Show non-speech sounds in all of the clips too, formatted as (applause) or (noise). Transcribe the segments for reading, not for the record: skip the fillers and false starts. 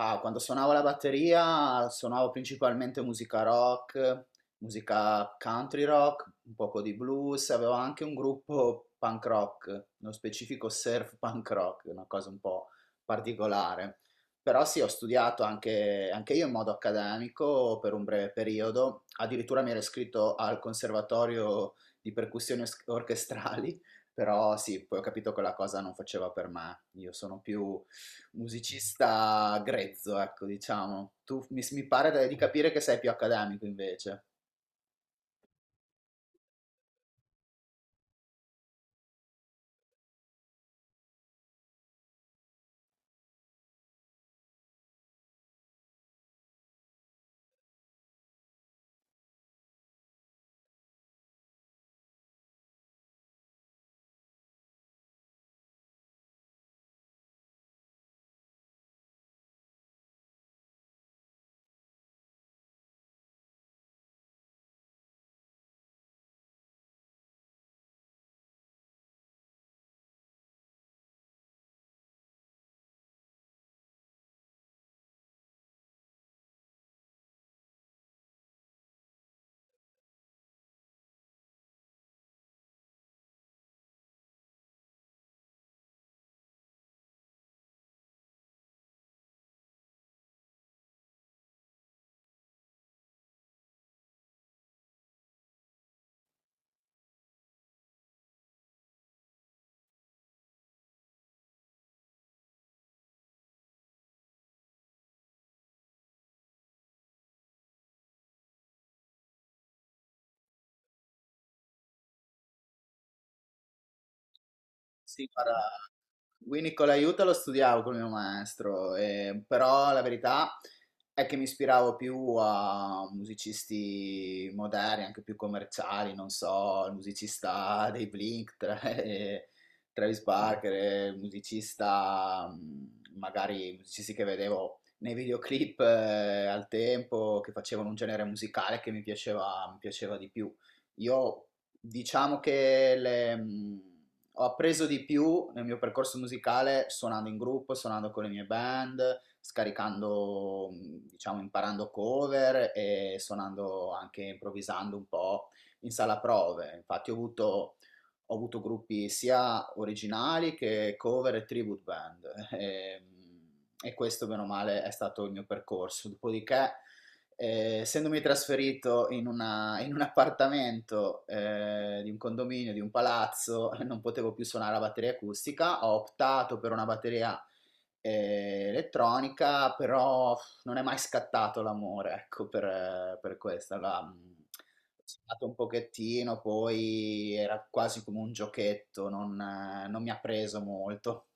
Ah, quando suonavo la batteria suonavo principalmente musica rock, musica country rock, un poco di blues, avevo anche un gruppo punk rock, nello specifico surf punk rock, una cosa un po' particolare. Però sì, ho studiato anche io in modo accademico per un breve periodo, addirittura mi ero iscritto al conservatorio di percussioni orchestrali, però sì, poi ho capito che la cosa non faceva per me, io sono più musicista grezzo, ecco, diciamo. Tu mi pare di capire che sei più accademico invece. Sì, quindi con l'aiuto lo studiavo col mio maestro, però la verità è che mi ispiravo più a musicisti moderni, anche più commerciali, non so, il musicista (laughs) dei Blink, Travis Barker, il musicista, magari i musicisti che vedevo nei videoclip al tempo, che facevano un genere musicale che mi piaceva di più. Io diciamo che ho appreso di più nel mio percorso musicale suonando in gruppo, suonando con le mie band, scaricando, diciamo, imparando cover e suonando anche improvvisando un po' in sala prove. Ho avuto gruppi sia originali che cover e tribute band. E questo, bene o male, è stato il mio percorso. Dopodiché essendomi trasferito in un appartamento di un condominio, di un palazzo, (laughs) non potevo più suonare la batteria acustica, ho optato per una batteria elettronica, però pff, non è mai scattato l'amore, ecco, per questa. Ho suonato un pochettino, poi era quasi come un giochetto, non mi ha preso molto.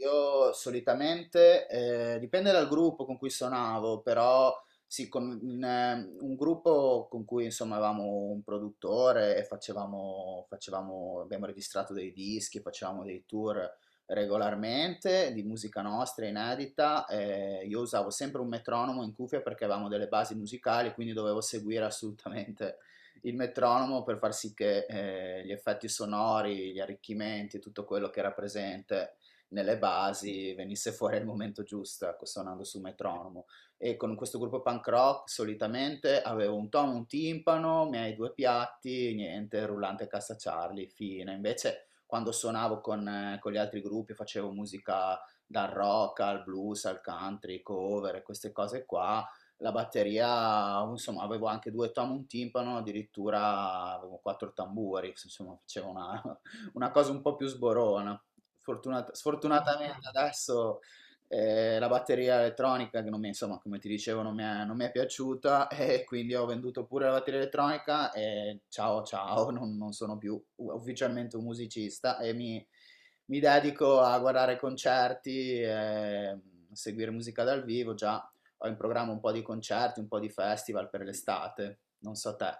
Io solitamente, dipende dal gruppo con cui suonavo, però sì, con un gruppo con cui insomma avevamo un produttore e facevamo, abbiamo registrato dei dischi, facevamo dei tour regolarmente di musica nostra inedita. Io usavo sempre un metronomo in cuffia perché avevamo delle basi musicali, quindi dovevo seguire assolutamente il metronomo per far sì che gli effetti sonori, gli arricchimenti, tutto quello che era presente nelle basi venisse fuori al momento giusto, ecco, suonando su metronomo. E con questo gruppo punk rock solitamente avevo un tono, un timpano, i miei due piatti, niente, rullante e cassa Charlie, fine. Invece quando suonavo con gli altri gruppi facevo musica dal rock al blues, al country, cover e queste cose qua. La batteria, insomma, avevo anche due tom, un timpano, addirittura avevo quattro tamburi, insomma, una cosa un po' più sborona. Sfortunatamente adesso la batteria elettronica, che non mi, insomma, come ti dicevo, non mi è piaciuta (laughs) e quindi ho venduto pure la batteria elettronica e ciao ciao, non sono più ufficialmente un musicista e mi dedico a guardare concerti, e seguire musica dal vivo, già ho in programma un po' di concerti, un po' di festival per l'estate, non so te.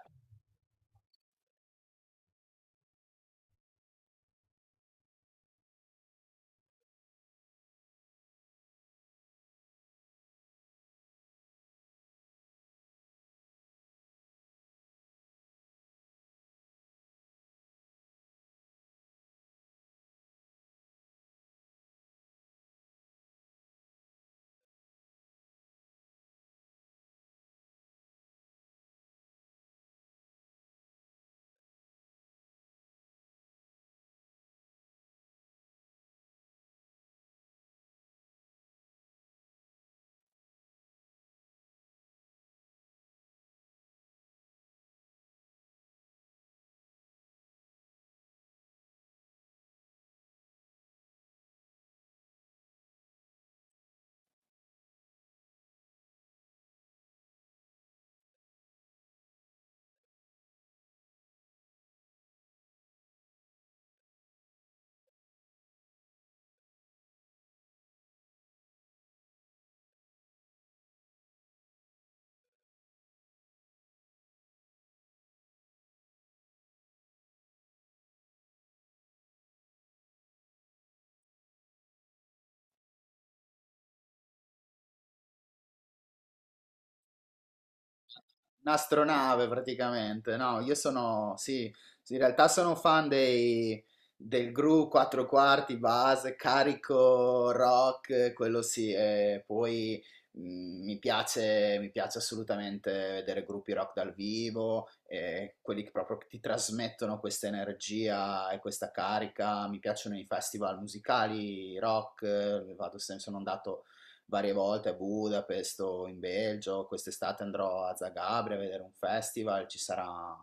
Un'astronave praticamente, no, io sono, sì, sì, in realtà sono fan del Gru 4 quarti, base, carico, rock, quello sì, e poi mh, mi piace assolutamente vedere gruppi rock dal vivo, e quelli che proprio ti trasmettono questa energia e questa carica, mi piacciono i festival musicali, rock, vado, sono andato varie volte a Budapest o in Belgio. Quest'estate andrò a Zagabria a vedere un festival, ci sarà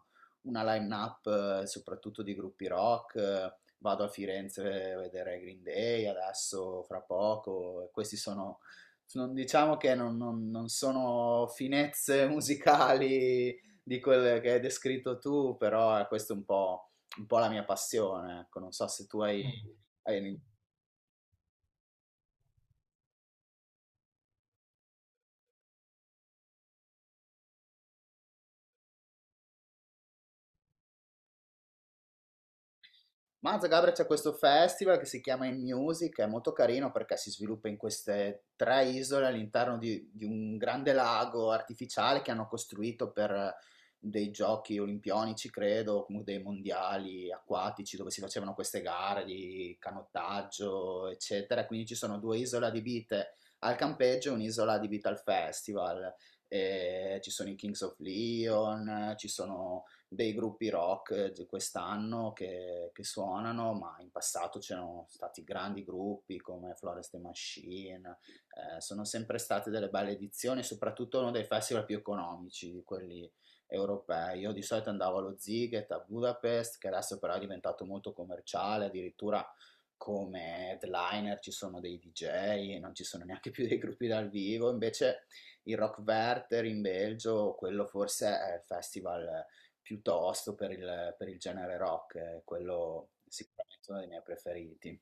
una line-up soprattutto di gruppi rock. Vado a Firenze a vedere Green Day adesso, fra poco. Questi sono, diciamo che non sono finezze (laughs) musicali di quelle che hai descritto tu, però questa è un po' la mia passione. Ecco, non so se tu hai, Mm. Hai Mazza Gabra c'è questo festival che si chiama In Music, è molto carino perché si sviluppa in queste tre isole all'interno di un grande lago artificiale che hanno costruito per dei giochi olimpionici, credo, comunque dei mondiali acquatici dove si facevano queste gare di canottaggio, eccetera. Quindi ci sono due isole adibite al campeggio e un'isola adibita al festival. E ci sono i Kings of Leon, ci sono dei gruppi rock di quest'anno che suonano, ma in passato c'erano stati grandi gruppi come Florence and the Machine, sono sempre state delle belle edizioni, soprattutto uno dei festival più economici di quelli europei. Io di solito andavo allo Ziget a Budapest, che adesso però è diventato molto commerciale, addirittura come headliner ci sono dei DJ, non ci sono neanche più dei gruppi dal vivo, invece il Rock Werther in Belgio, quello forse è il festival piuttosto per il genere rock, quello è sicuramente uno dei miei preferiti.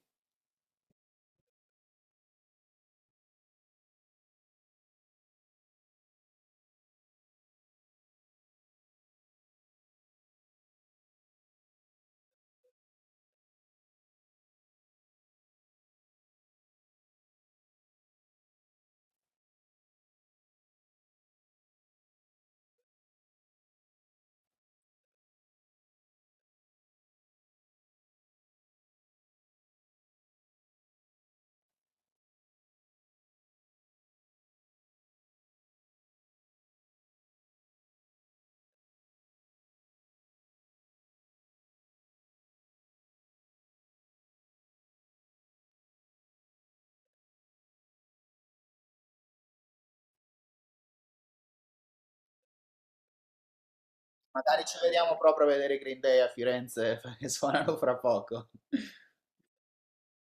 Magari ci vediamo proprio a vedere i Green Day a Firenze, (laughs) perché suonano fra poco. (laughs)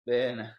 Bene.